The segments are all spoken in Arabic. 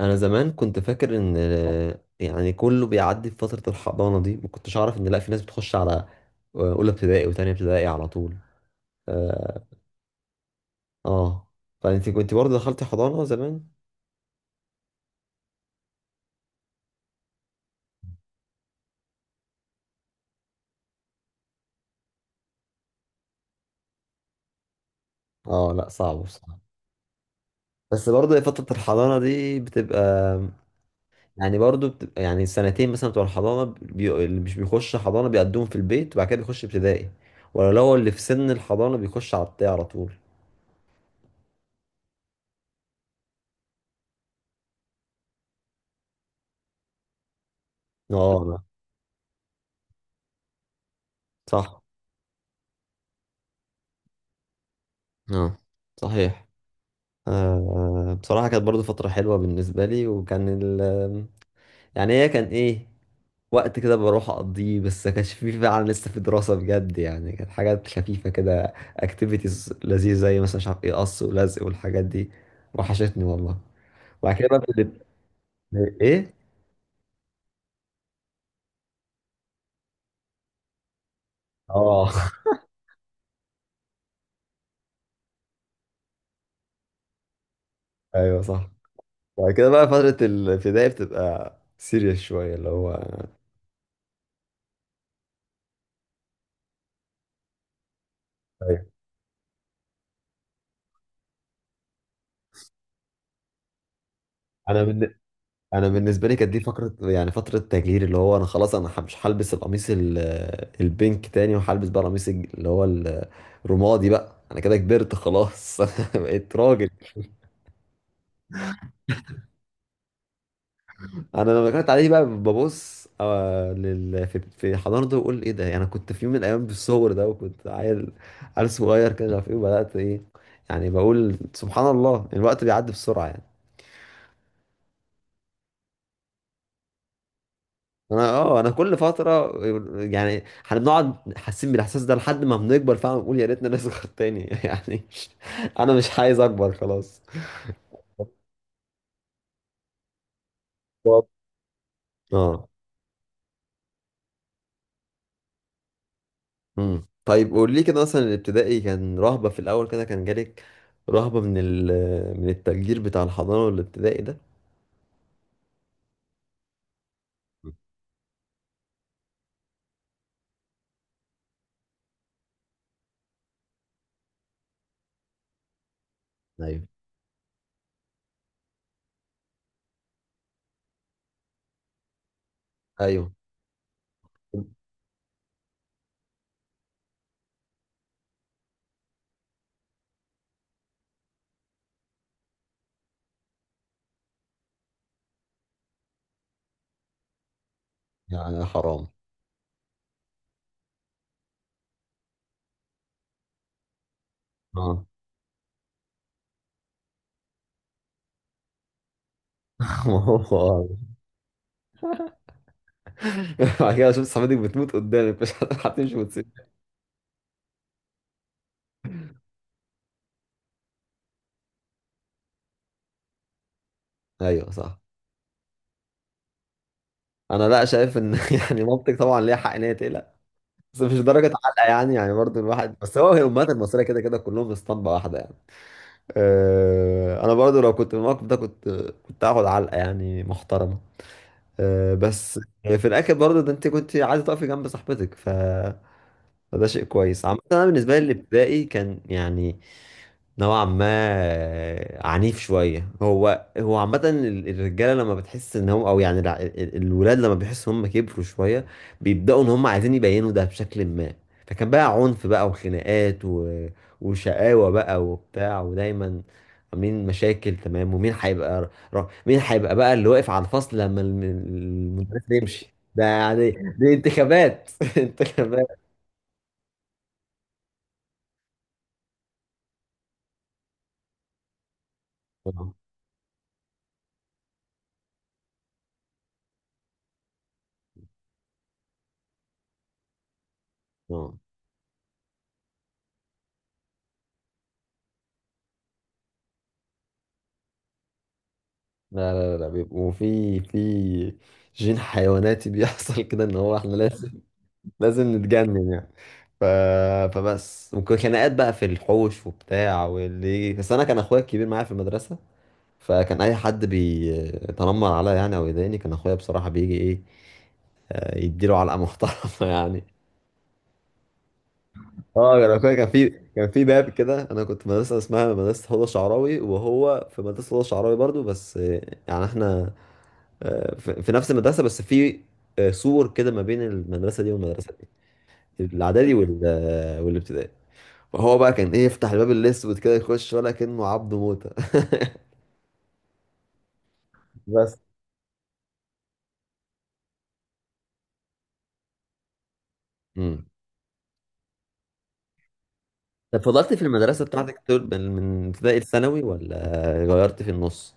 انا زمان كنت فاكر ان يعني كله بيعدي في فتره الحضانه دي. ما كنتش اعرف ان لا في ناس بتخش على اولى ابتدائي وتانية ابتدائي على طول. اه. آه. فانت كنت برضه دخلتي حضانه زمان؟ اه، لا، صعب بصراحه. بس برضه فتره الحضانه دي بتبقى يعني سنتين مثلا بتوع الحضانه، اللي مش بيخش حضانه بيقدمهم في البيت، وبعد كده بيخش ابتدائي. ولو هو اللي في سن الحضانه بيخش على ابتدائي على طول. اه، لا. صح. اه، صحيح. آه، بصراحة كانت برضو فترة حلوة بالنسبة لي، وكان يعني هي كان ايه، وقت كده بروح اقضيه، بس ما كانش فيه فعلا لسه في دراسة بجد. يعني كانت حاجات خفيفة كده، اكتيفيتيز لذيذة زي مثلا مش عارف ايه، قص ولزق والحاجات دي. وحشتني والله. وبعد كده بقى في الاب- ايه. اه. ايوه صح. وبعد كده بقى فترة الابتدائي بتبقى سيريس شوية اللي هو. أيوة. انا من انا بالنسبه لي كانت دي فقره، يعني فتره تجليد، اللي هو انا خلاص مش هلبس القميص البينك تاني، وهلبس بقى القميص اللي هو الرمادي بقى. انا كده كبرت خلاص، بقيت راجل. انا لما كنت عليه بقى ببص في حضانته، واقول ايه ده. يعني انا كنت في يوم من الايام بالصور ده، وكنت عيل، عيل صغير كده، مش عارف ايه. وبدات ايه، يعني بقول سبحان الله الوقت بيعدي بسرعه يعني. انا كل فتره يعني احنا بنقعد حاسين بالاحساس ده، لحد ما بنكبر فعلا بنقول يا ريتنا نصغر تاني. يعني انا مش عايز اكبر خلاص. بالظبط. اه. طيب قول لي كده، مثلا الابتدائي كان رهبه في الاول كده، كان جالك رهبه من ال من التفجير بتاع الحضانه والابتدائي ده؟ مم. ايوه، ايوه. يعني حرام. اه، ما هو آه. بعد كده شفت صاحبتك بتموت قدامك، مش هتمشي وتسيب؟ ايوه صح. انا لا شايف ان يعني مامتك طبعا ليها حق ان هي تقلق، بس مش درجة علقة يعني برضو الواحد، بس هي الأمهات المصرية كده كده كلهم في اسطمبة واحدة يعني. أه، أنا برضو لو كنت في الموقف ده، كنت هاخد علقة يعني محترمة. أه، بس في الآخر برضو ده أنت كنت عايزة تقفي جنب صاحبتك، فده شيء كويس. عامة أنا بالنسبة لي الابتدائي كان يعني نوعا ما عنيف شوية. هو عامة الرجالة لما بتحس ان هم، او يعني الولاد لما بيحسوا هم كبروا شوية، بيبدأوا ان هم عايزين يبينوا ده بشكل ما. فكان بقى عنف بقى، وخناقات وشقاوة بقى وبتاع، ودايما عاملين مشاكل تمام. ومين هيبقى مين هيبقى بقى اللي واقف على الفصل لما المدرس يمشي، ده يعني دي انتخابات، انتخابات. اه. آه. لا، لا، لا، لا، بيبقوا في جين حيواناتي بيحصل كده، ان هو احنا لازم نتجنن يعني. ف... فبس ممكن خناقات بقى في الحوش وبتاع واللي، بس انا كان اخويا الكبير معايا في المدرسه. فكان اي حد بيتنمر عليا يعني، او يضايقني، كان اخويا بصراحه بيجي ايه، آه، يديله علقه محترمه يعني. اه، كان اخويا كان في باب كده. انا كنت في مدرسه اسمها مدرسه هدى شعراوي، وهو في مدرسه هدى شعراوي برضو، بس يعني احنا، في نفس المدرسه، بس في سور كده ما بين المدرسه دي والمدرسه دي، الاعدادي والابتدائي. فهو بقى كان ايه، يفتح الباب الاسود كده يخش، ولا كأنه عبد موته. بس. امم طب فضلت في المدرسه بتاعتك طول من ابتدائي لثانوي، ولا غيرت في النص؟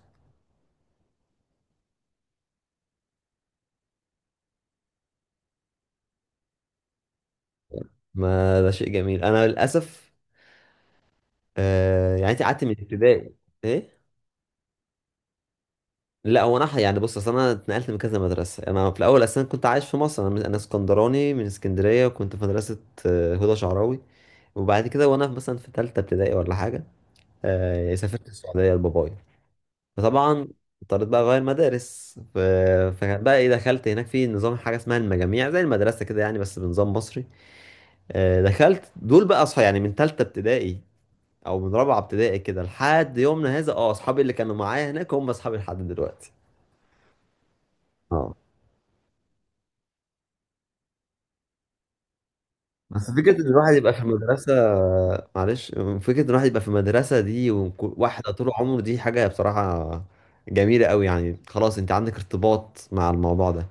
ما ده شيء جميل. انا للاسف. آه، يعني انت قعدت من ابتدائي؟ ايه. لا، هو يعني بص، اصل انا اتنقلت من كذا مدرسه. انا في الاول اصلا كنت عايش في مصر. أنا اسكندراني، من اسكندريه، وكنت في مدرسه هدى شعراوي. وبعد كده وانا مثلا في ثالثه ابتدائي ولا حاجه، سافرت السعوديه لبابايا. فطبعا اضطريت بقى اغير مدارس، فكان بقى ايه، دخلت هناك في نظام حاجه اسمها المجاميع زي المدرسه كده يعني، بس بنظام مصري. دخلت دول بقى اصحى يعني من ثالثه ابتدائي او من رابعه ابتدائي كده لحد يومنا هذا. اه اصحابي اللي كانوا معايا هناك هم اصحابي لحد دلوقتي. اه. بس فكرة إن الواحد يبقى في مدرسة، معلش، فكرة إن الواحد يبقى في مدرسة دي وواحدة طول عمره دي حاجة بصراحة جميلة قوي. يعني خلاص أنت عندك ارتباط مع الموضوع ده.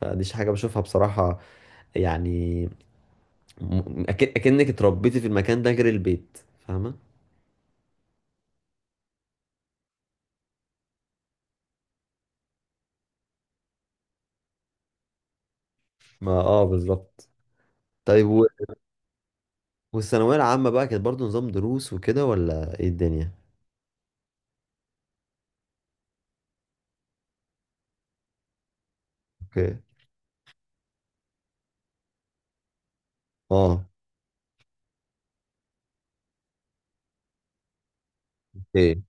فدي حاجة بشوفها بصراحة يعني، م- أك- أكنك اتربيتي في المكان ده غير البيت. فاهمة؟ ما آه، بالظبط. طيب والثانوية العامة بقى كانت برضو نظام دروس وكده، ولا إيه الدنيا؟ أوكي. آه. أوكي.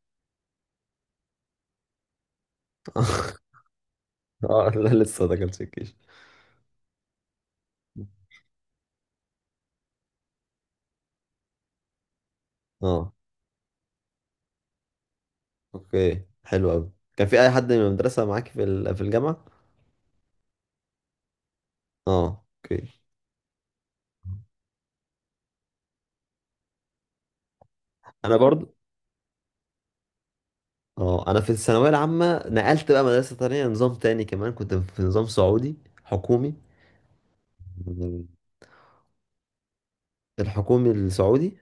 آه، لا، لسه ما دخلتش الجيش. آه. اوكي، حلو قوي. كان في اي حد من المدرسه معاك في الجامعه؟ اه، اوكي. انا برضو. اه، انا في الثانويه العامه نقلت بقى مدرسه تانية، نظام تاني، كمان كنت في نظام سعودي حكومي. الحكومي السعودي.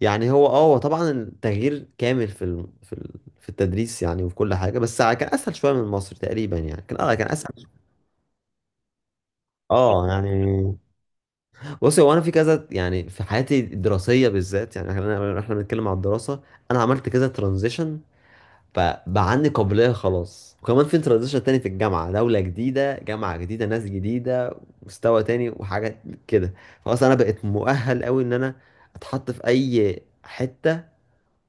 يعني هو طبعا التغيير كامل في التدريس يعني، وفي كل حاجه. بس كان اسهل شويه من مصر تقريبا. يعني كان اسهل. اه، يعني بصي، هو انا في كذا يعني في حياتي الدراسيه بالذات، يعني احنا بنتكلم على الدراسه، انا عملت كذا ترانزيشن. فبقى عندي قابلية خلاص، وكمان في انتروديشن تاني في الجامعة. دولة جديدة، جامعة جديدة، ناس جديدة، مستوى تاني، وحاجات كده. خلاص أنا بقيت مؤهل أوي إن أنا أتحط في أي حتة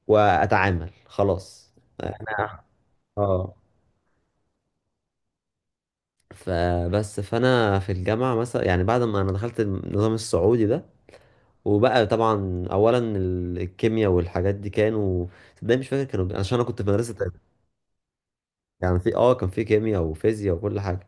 وأتعامل خلاص. أنا. اه. فبس فأنا في الجامعة مثلا يعني، بعد ما أنا دخلت النظام السعودي ده، وبقى طبعا اولا الكيمياء والحاجات دي كانوا، صدقني مش فاكر كانوا، عشان انا كنت في مدرسه يعني، في اه كان في كيمياء وفيزياء وكل حاجه،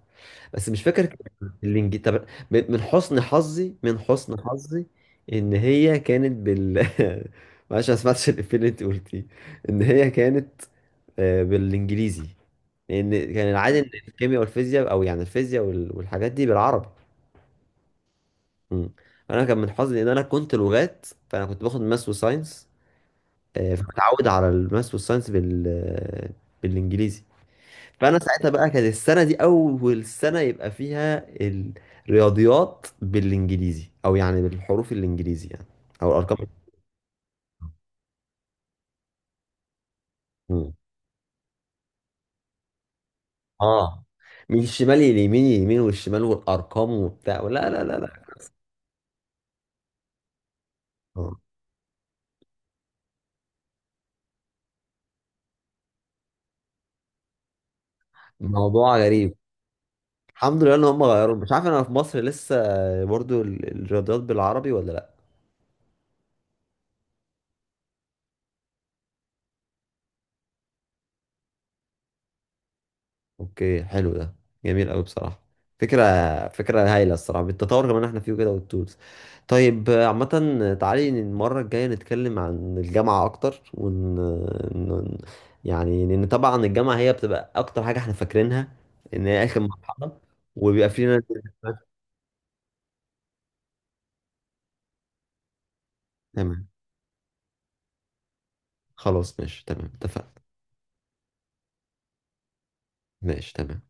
بس مش فاكر كان الانجليزي. طب من حسن حظي، من حسن حظي ان هي كانت معلش، أنا ما سمعتش الافيه اللي انت قلتيه. ان هي كانت بالانجليزي. لان كان العادي ان الكيمياء والفيزياء، او يعني الفيزياء والحاجات دي بالعربي. مم. انا كان من حظي ان انا كنت لغات، فانا كنت باخد ماس وساينس. فمتعود على الماس والساينس بالانجليزي. فانا ساعتها بقى كانت السنه دي اول سنه يبقى فيها الرياضيات بالانجليزي، او يعني بالحروف الانجليزي يعني، او الارقام. مم. اه، من الشمال لليمين، اليمين والشمال والارقام وبتاع. لا، لا، لا، لا. آه. موضوع غريب. الحمد لله ان هم غيروا. مش عارف انا في مصر لسه برضو الرياضيات بالعربي ولا. اوكي، حلو ده. جميل قوي بصراحه. فكره فكره هايله الصراحه، بالتطور كمان احنا فيه كده والتولز. طيب عامه، تعالي المره الجايه نتكلم عن الجامعه اكتر، ن- يعني لان طبعا الجامعه هي بتبقى اكتر حاجه احنا فاكرينها ان هي اخر مرحله وبيبقى فينا. تمام. خلاص ماشي، تمام، اتفقنا. ماشي تمام.